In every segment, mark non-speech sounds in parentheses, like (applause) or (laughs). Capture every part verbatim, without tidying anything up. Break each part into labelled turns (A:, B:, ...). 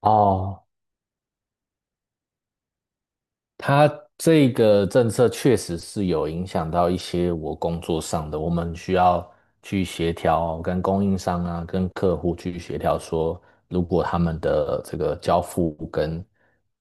A: 哦，它这个政策确实是有影响到一些我工作上的，我们需要去协调，跟供应商啊，跟客户去协调说，如果他们的这个交付跟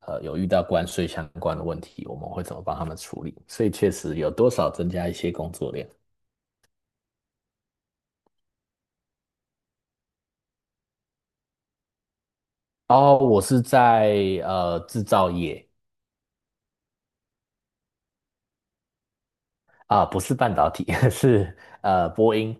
A: 呃有遇到关税相关的问题，我们会怎么帮他们处理？所以确实有多少增加一些工作量。哦，我是在呃制造业啊，不是半导体，(laughs) 是呃波音。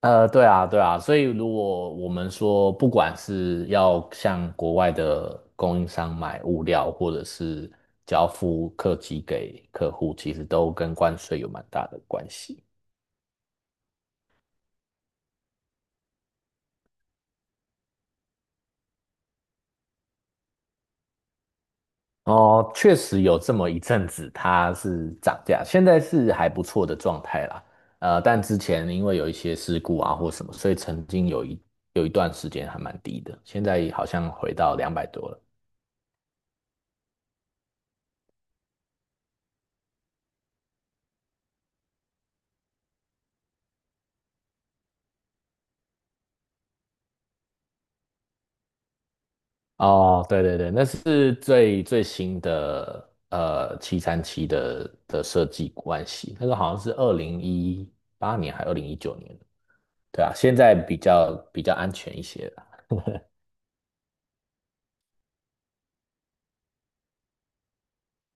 A: 呃，对啊，对啊，所以如果我们说，不管是要向国外的供应商买物料，或者是交付客机给客户，其实都跟关税有蛮大的关系。哦，确实有这么一阵子，它是涨价，现在是还不错的状态啦。呃，但之前因为有一些事故啊或什么，所以曾经有一有一段时间还蛮低的，现在好像回到两百多了。哦，对对对，那是最最新的呃七三七的的设计关系，那个好像是二零一八年还二零一九年，对啊，现在比较比较安全一些。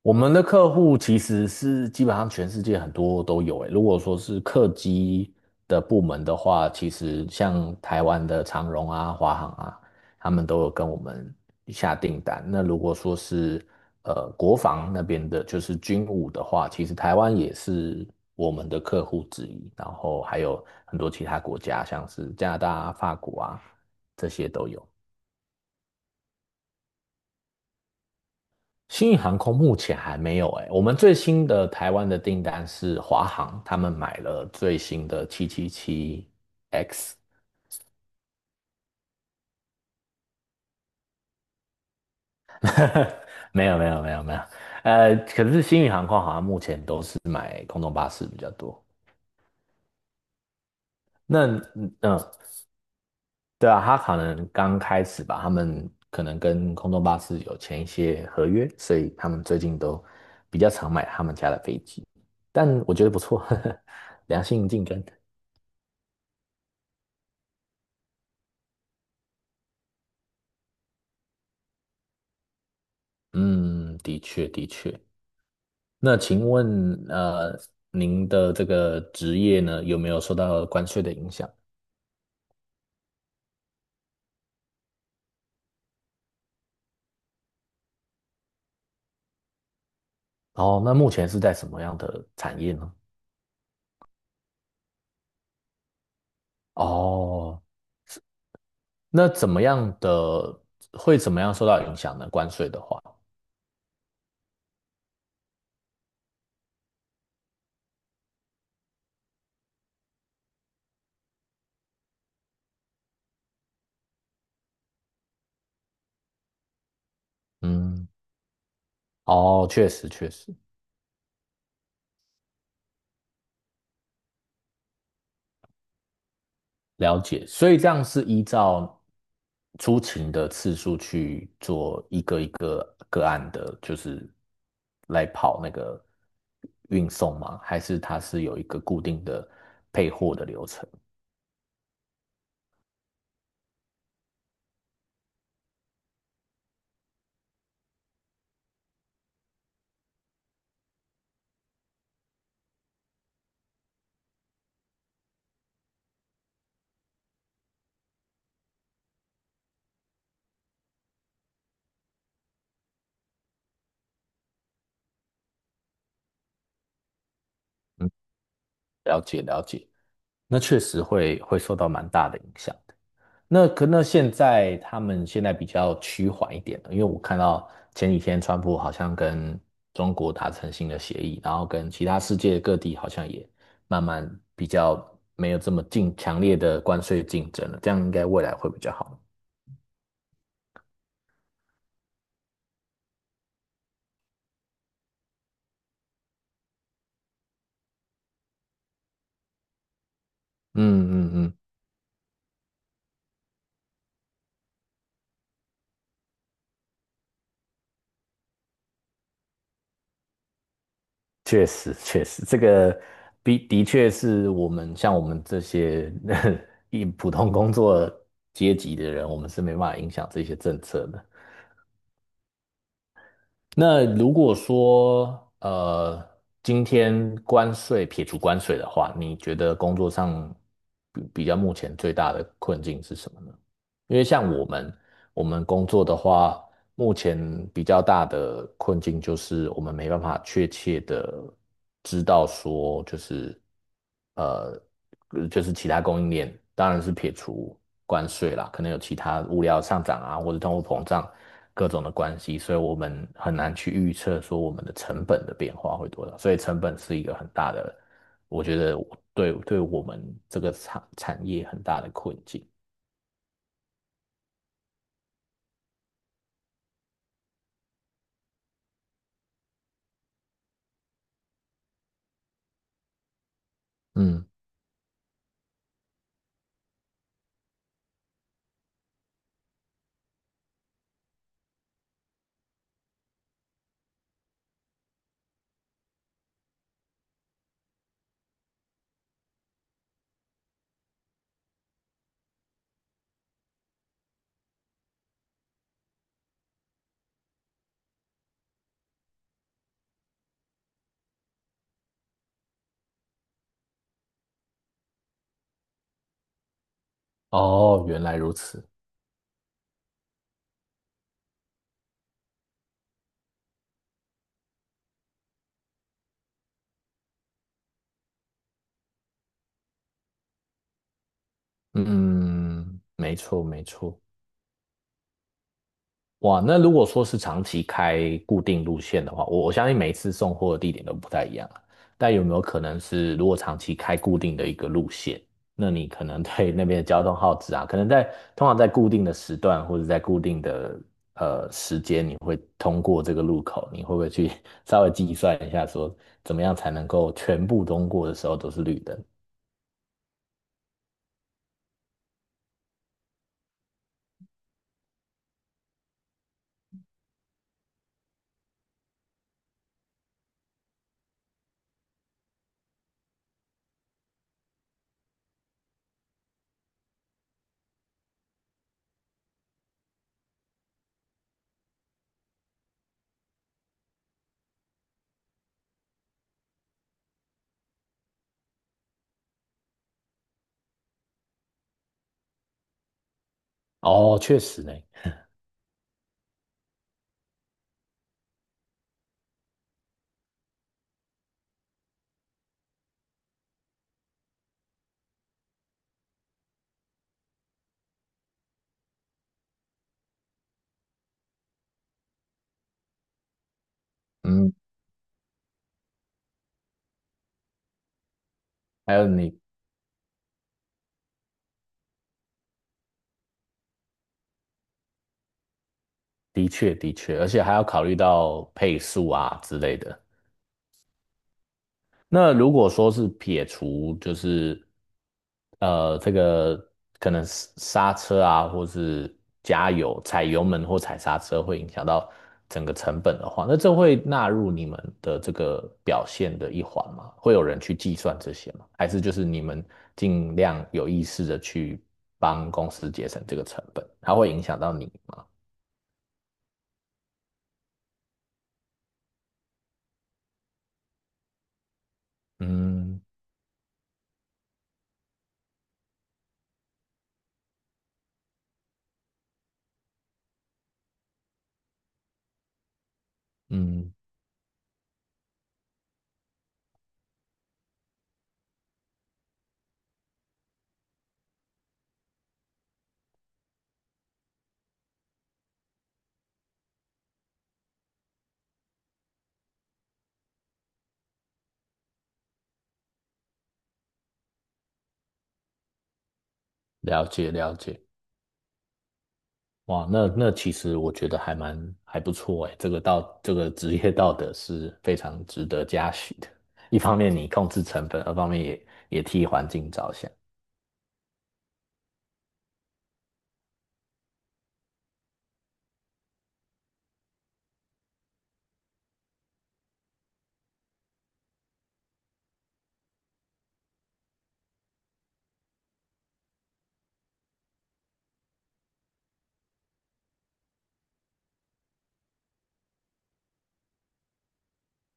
A: 我们的客户其实是基本上全世界很多都有诶。如果说是客机的部门的话，其实像台湾的长荣啊、华航啊，他们都有跟我们下订单。那如果说是呃国防那边的，就是军武的话，其实台湾也是我们的客户之一。然后还有很多其他国家，像是加拿大啊、法国啊，这些都有。新宇航空目前还没有哎、我们最新的台湾的订单是华航，他们买了最新的七七七 x。 (laughs) 没有没有没有没有，呃，可是新宇航空好像目前都是买空中巴士比较多。那嗯、呃对啊，他可能刚开始吧，他们可能跟空中巴士有签一些合约，所以他们最近都比较常买他们家的飞机，但我觉得不错，(laughs) 良性竞争。嗯，的确的确。那请问，呃，您的这个职业呢，有没有受到关税的影响？哦，那目前是在什么样的产业呢？哦，那怎么样的，会怎么样受到影响呢？关税的话，嗯，哦，确实确实。了解，所以这样是依照出勤的次数去做一个一个个案的，就是来跑那个运送吗？还是它是有一个固定的配货的流程？嗯，了解了解，那确实会会受到蛮大的影响。的。那可那现在他们现在比较趋缓一点了，因为我看到前几天川普好像跟中国达成新的协议，然后跟其他世界各地好像也慢慢比较没有这么竞强烈的关税竞争了，这样应该未来会比较好。嗯嗯嗯，确实确实，这个比的确是我们像我们这些 (laughs) 一普通工作阶级的人，我们是没办法影响这些政策的。那如果说呃，今天关税撇除关税的话，你觉得工作上比比较目前最大的困境是什么呢？因为像我们，我们工作的话，目前比较大的困境就是我们没办法确切的知道说，就是呃，呃就是其他供应链，当然是撇除关税啦，可能有其他物料上涨啊，或者通货膨胀各种的关系，所以我们很难去预测说我们的成本的变化会多少，所以成本是一个很大的，我觉得对对我们这个产产业很大的困境。嗯。哦，原来如此。嗯，没错，没错。哇，那如果说是长期开固定路线的话，我我相信每一次送货的地点都不太一样啊。但有没有可能是，如果长期开固定的一个路线，那你可能对那边的交通耗资啊，可能在通常在固定的时段或者在固定的呃时间，你会通过这个路口，你会不会去 (laughs) 稍微计算一下，说怎么样才能够全部通过的时候都是绿灯？哦，确实呢。嗯，还有你的确，的确，而且还要考虑到配速啊之类的。那如果说是撇除，就是呃，这个可能是刹车啊，或是加油、踩油门或踩刹车会影响到整个成本的话，那这会纳入你们的这个表现的一环吗？会有人去计算这些吗？还是就是你们尽量有意识的去帮公司节省这个成本，它会影响到你吗？嗯嗯，了解了解。哇，那那其实我觉得还蛮还不错诶，这个道这个职业道德是非常值得嘉许的。一方面你控制成本，二方面也也替环境着想，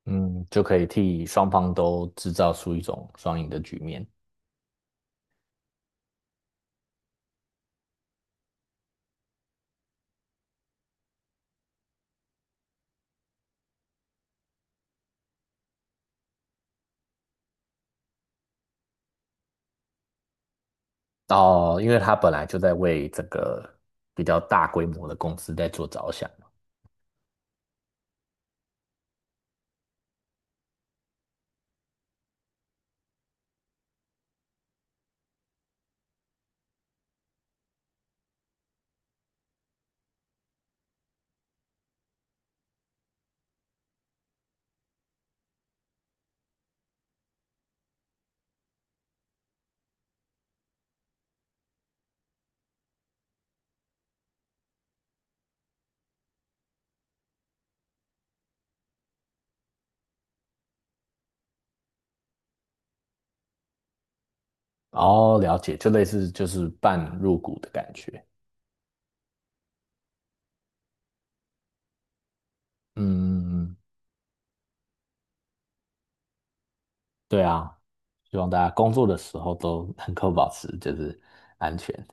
A: 嗯，就可以替双方都制造出一种双赢的局面。哦，因为他本来就在为这个比较大规模的公司在做着想嘛。哦，了解，就类似就是半入股的感觉。嗯，嗯嗯，对啊，希望大家工作的时候都能够保持就是安全。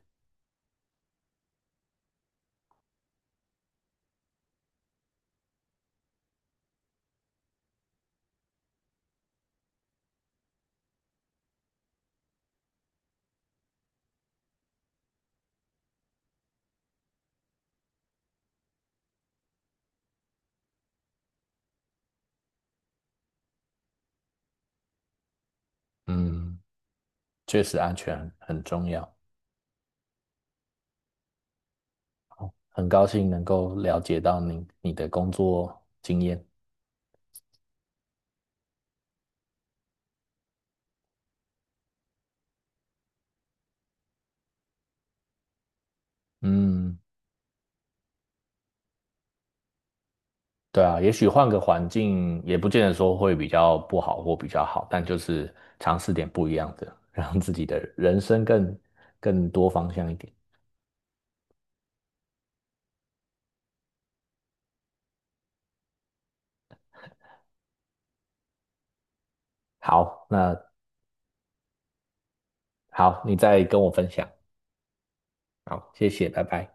A: 嗯，确实安全很很重要，很高兴能够了解到你你的工作经验。嗯，对啊，也许换个环境也不见得说会比较不好或比较好，但就是尝试点不一样的，(laughs) 让自己的人生更更多方向一点。好，那好，你再跟我分享。好，谢谢，拜拜。